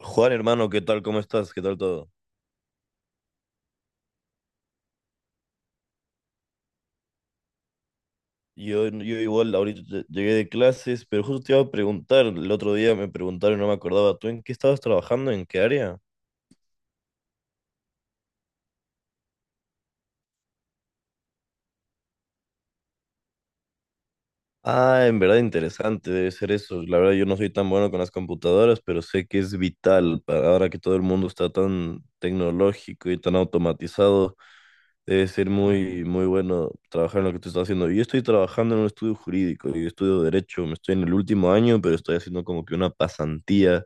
Juan, hermano, ¿qué tal? ¿Cómo estás? ¿Qué tal todo? Yo igual, ahorita llegué de clases, pero justo te iba a preguntar, el otro día me preguntaron, no me acordaba, ¿tú en qué estabas trabajando? ¿En qué área? Ah, en verdad interesante debe ser eso. La verdad yo no soy tan bueno con las computadoras, pero sé que es vital para ahora que todo el mundo está tan tecnológico y tan automatizado. Debe ser muy, muy bueno trabajar en lo que tú estás haciendo. Yo estoy trabajando en un estudio jurídico, yo estudio derecho, me estoy en el último año, pero estoy haciendo como que una pasantía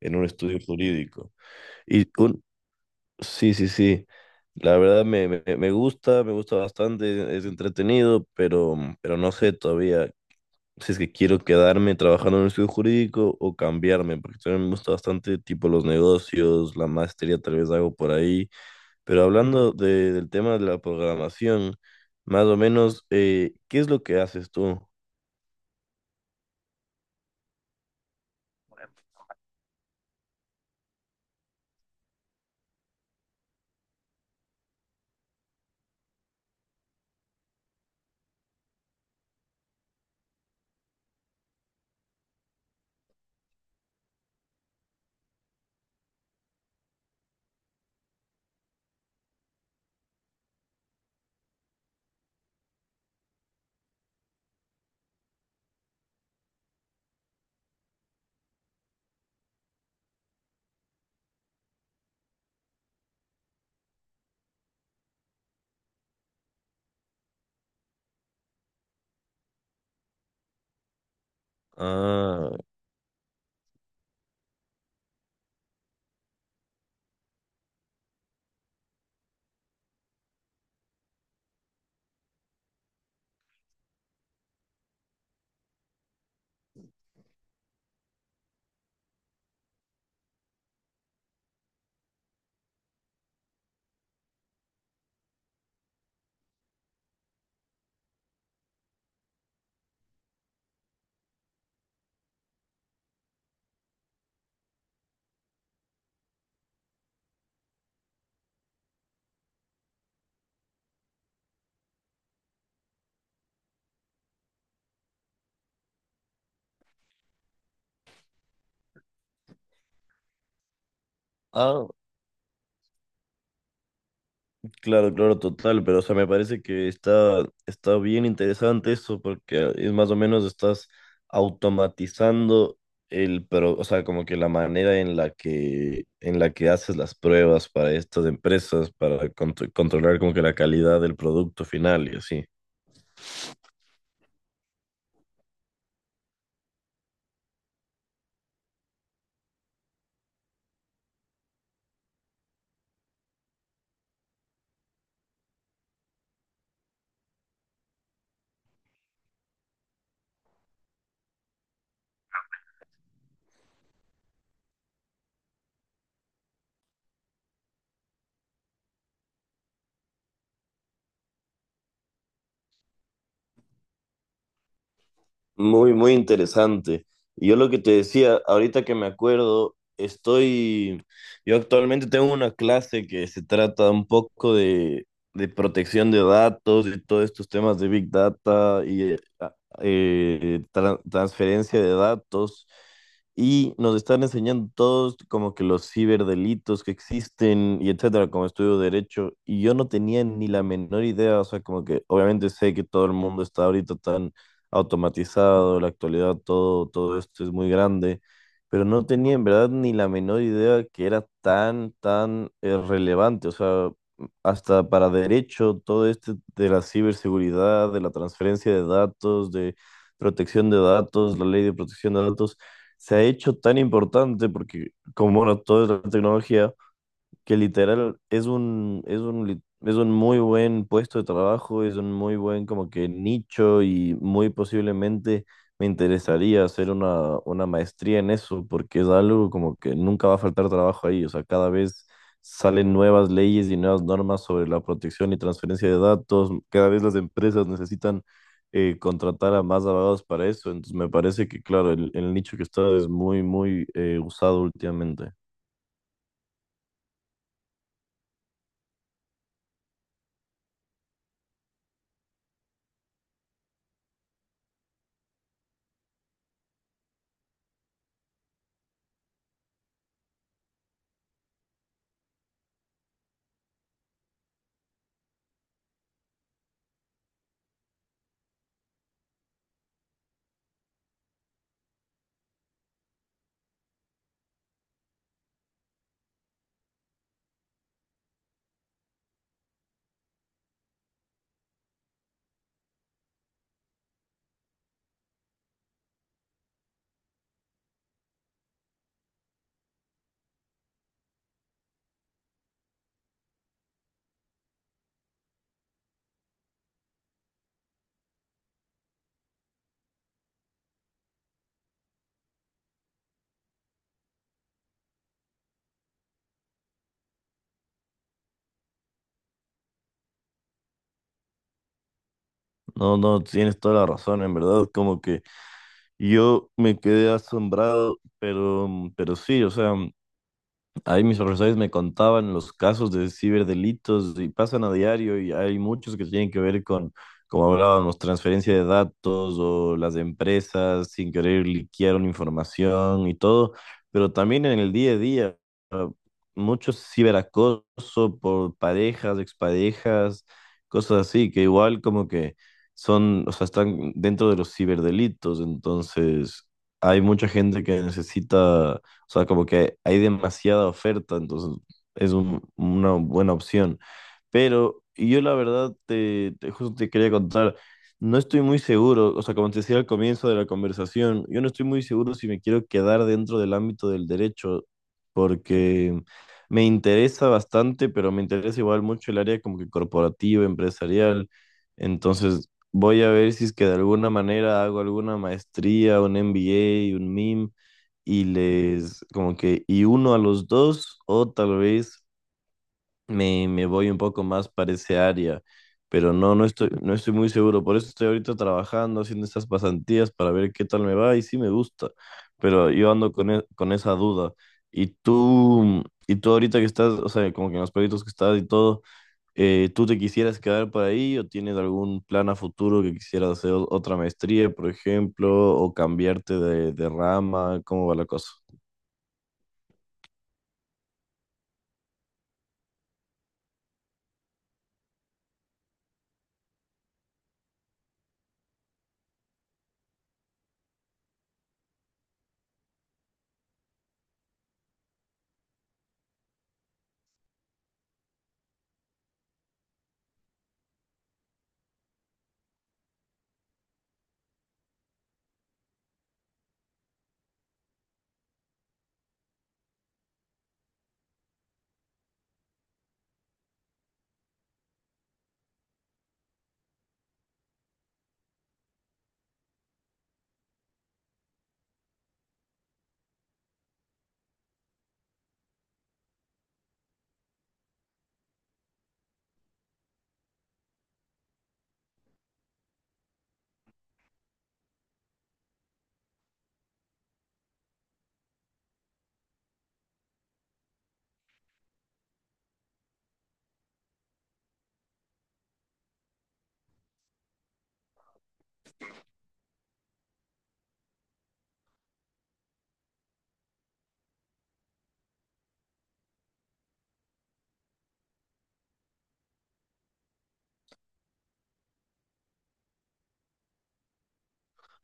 en un estudio jurídico. Y un, sí, sí, sí, la verdad me gusta, me gusta bastante, es entretenido, pero no sé todavía si es que quiero quedarme trabajando en un estudio jurídico o cambiarme, porque también me gusta bastante tipo los negocios, la maestría tal vez hago por ahí, pero hablando del tema de la programación, más o menos, ¿qué es lo que haces tú? Ah, ah, claro, claro, total, pero o sea, me parece que está, está bien interesante eso porque es más o menos estás automatizando el, pero, o sea, como que la manera en la que haces las pruebas para estas empresas, para controlar como que la calidad del producto final y así. Muy, muy interesante. Y yo lo que te decía, ahorita que me acuerdo, estoy, yo actualmente tengo una clase que se trata un poco de protección de datos y todos estos temas de Big Data y transferencia de datos. Y nos están enseñando todos como que los ciberdelitos que existen y etcétera, como estudio de derecho. Y yo no tenía ni la menor idea, o sea, como que obviamente sé que todo el mundo está ahorita tan automatizado, en la actualidad, todo, todo esto es muy grande, pero no tenía en verdad ni la menor idea que era tan, tan relevante, o sea, hasta para derecho, todo este de la ciberseguridad, de la transferencia de datos, de protección de datos, la ley de protección de datos, se ha hecho tan importante porque como ahora todo es la tecnología, que literal es un muy buen puesto de trabajo, es un muy buen como que nicho y muy posiblemente me interesaría hacer una maestría en eso porque es algo como que nunca va a faltar trabajo ahí, o sea, cada vez salen nuevas leyes y nuevas normas sobre la protección y transferencia de datos, cada vez las empresas necesitan contratar a más abogados para eso, entonces me parece que claro, el nicho que está es muy, muy usado últimamente. No, no, tienes toda la razón, en verdad, como que yo me quedé asombrado, pero sí, o sea, ahí mis profesores me contaban los casos de ciberdelitos y pasan a diario y hay muchos que tienen que ver con, como hablábamos, transferencia de datos o las empresas sin querer liquearon información y todo, pero también en el día a día, ah, mucho ciberacoso por parejas, exparejas, cosas así, que igual como que son, o sea, están dentro de los ciberdelitos, entonces hay mucha gente que necesita, o sea, como que hay demasiada oferta, entonces es una buena opción. Pero yo la verdad justo te quería contar, no estoy muy seguro, o sea, como te decía al comienzo de la conversación, yo no estoy muy seguro si me quiero quedar dentro del ámbito del derecho, porque me interesa bastante, pero me interesa igual mucho el área como que corporativa, empresarial. Entonces voy a ver si es que de alguna manera hago alguna maestría, un MBA, un MIM y les como que y uno a los dos o tal vez me voy un poco más para ese área, pero no, no estoy, no estoy muy seguro, por eso estoy ahorita trabajando, haciendo estas pasantías para ver qué tal me va y sí me gusta, pero yo ando con, con esa duda. Y tú ahorita que estás, o sea, como que en los proyectos que estás y todo, ¿tú te quisieras quedar por ahí o tienes algún plan a futuro que quisieras hacer otra maestría, por ejemplo, o cambiarte de rama? ¿Cómo va la cosa?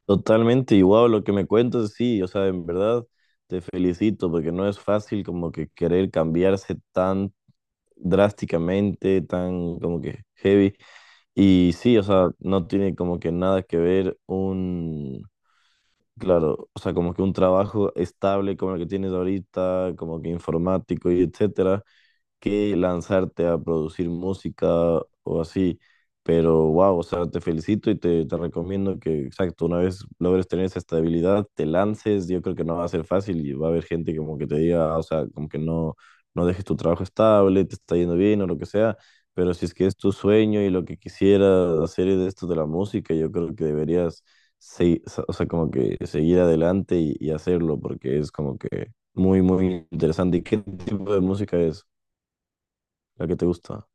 Totalmente, igual lo que me cuentas, sí, o sea, en verdad te felicito porque no es fácil como que querer cambiarse tan drásticamente, tan como que heavy. Y sí, o sea, no tiene como que nada que ver un, claro, o sea, como que un trabajo estable como el que tienes ahorita, como que informático y etcétera que lanzarte a producir música o así. Pero wow, o sea, te felicito y te recomiendo que, exacto, una vez logres tener esa estabilidad, te lances. Yo creo que no va a ser fácil y va a haber gente que como que te diga, "Ah, o sea, como que no, no dejes tu trabajo estable, te está yendo bien o lo que sea. Pero si es que es tu sueño y lo que quisieras hacer es esto de la música, yo creo que deberías, se- o sea, como que seguir adelante y hacerlo porque es como que muy, muy interesante. ¿Y qué tipo de música es? La que te gusta.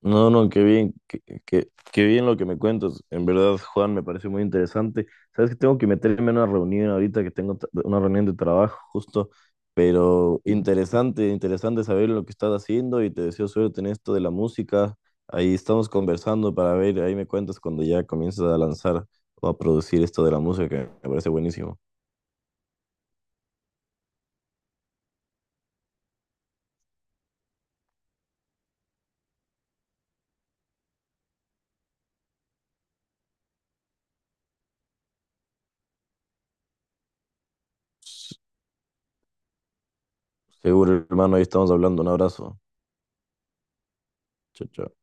No, no, qué bien, qué, qué bien lo que me cuentas. En verdad, Juan, me parece muy interesante. Sabes que tengo que meterme en una reunión ahorita, que tengo una reunión de trabajo justo, pero interesante, interesante saber lo que estás haciendo y te deseo suerte en esto de la música. Ahí estamos conversando para ver, ahí me cuentas cuando ya comiences a lanzar o a producir esto de la música, que me parece buenísimo. Seguro, hermano, ahí estamos hablando. Un abrazo. Chao, chao.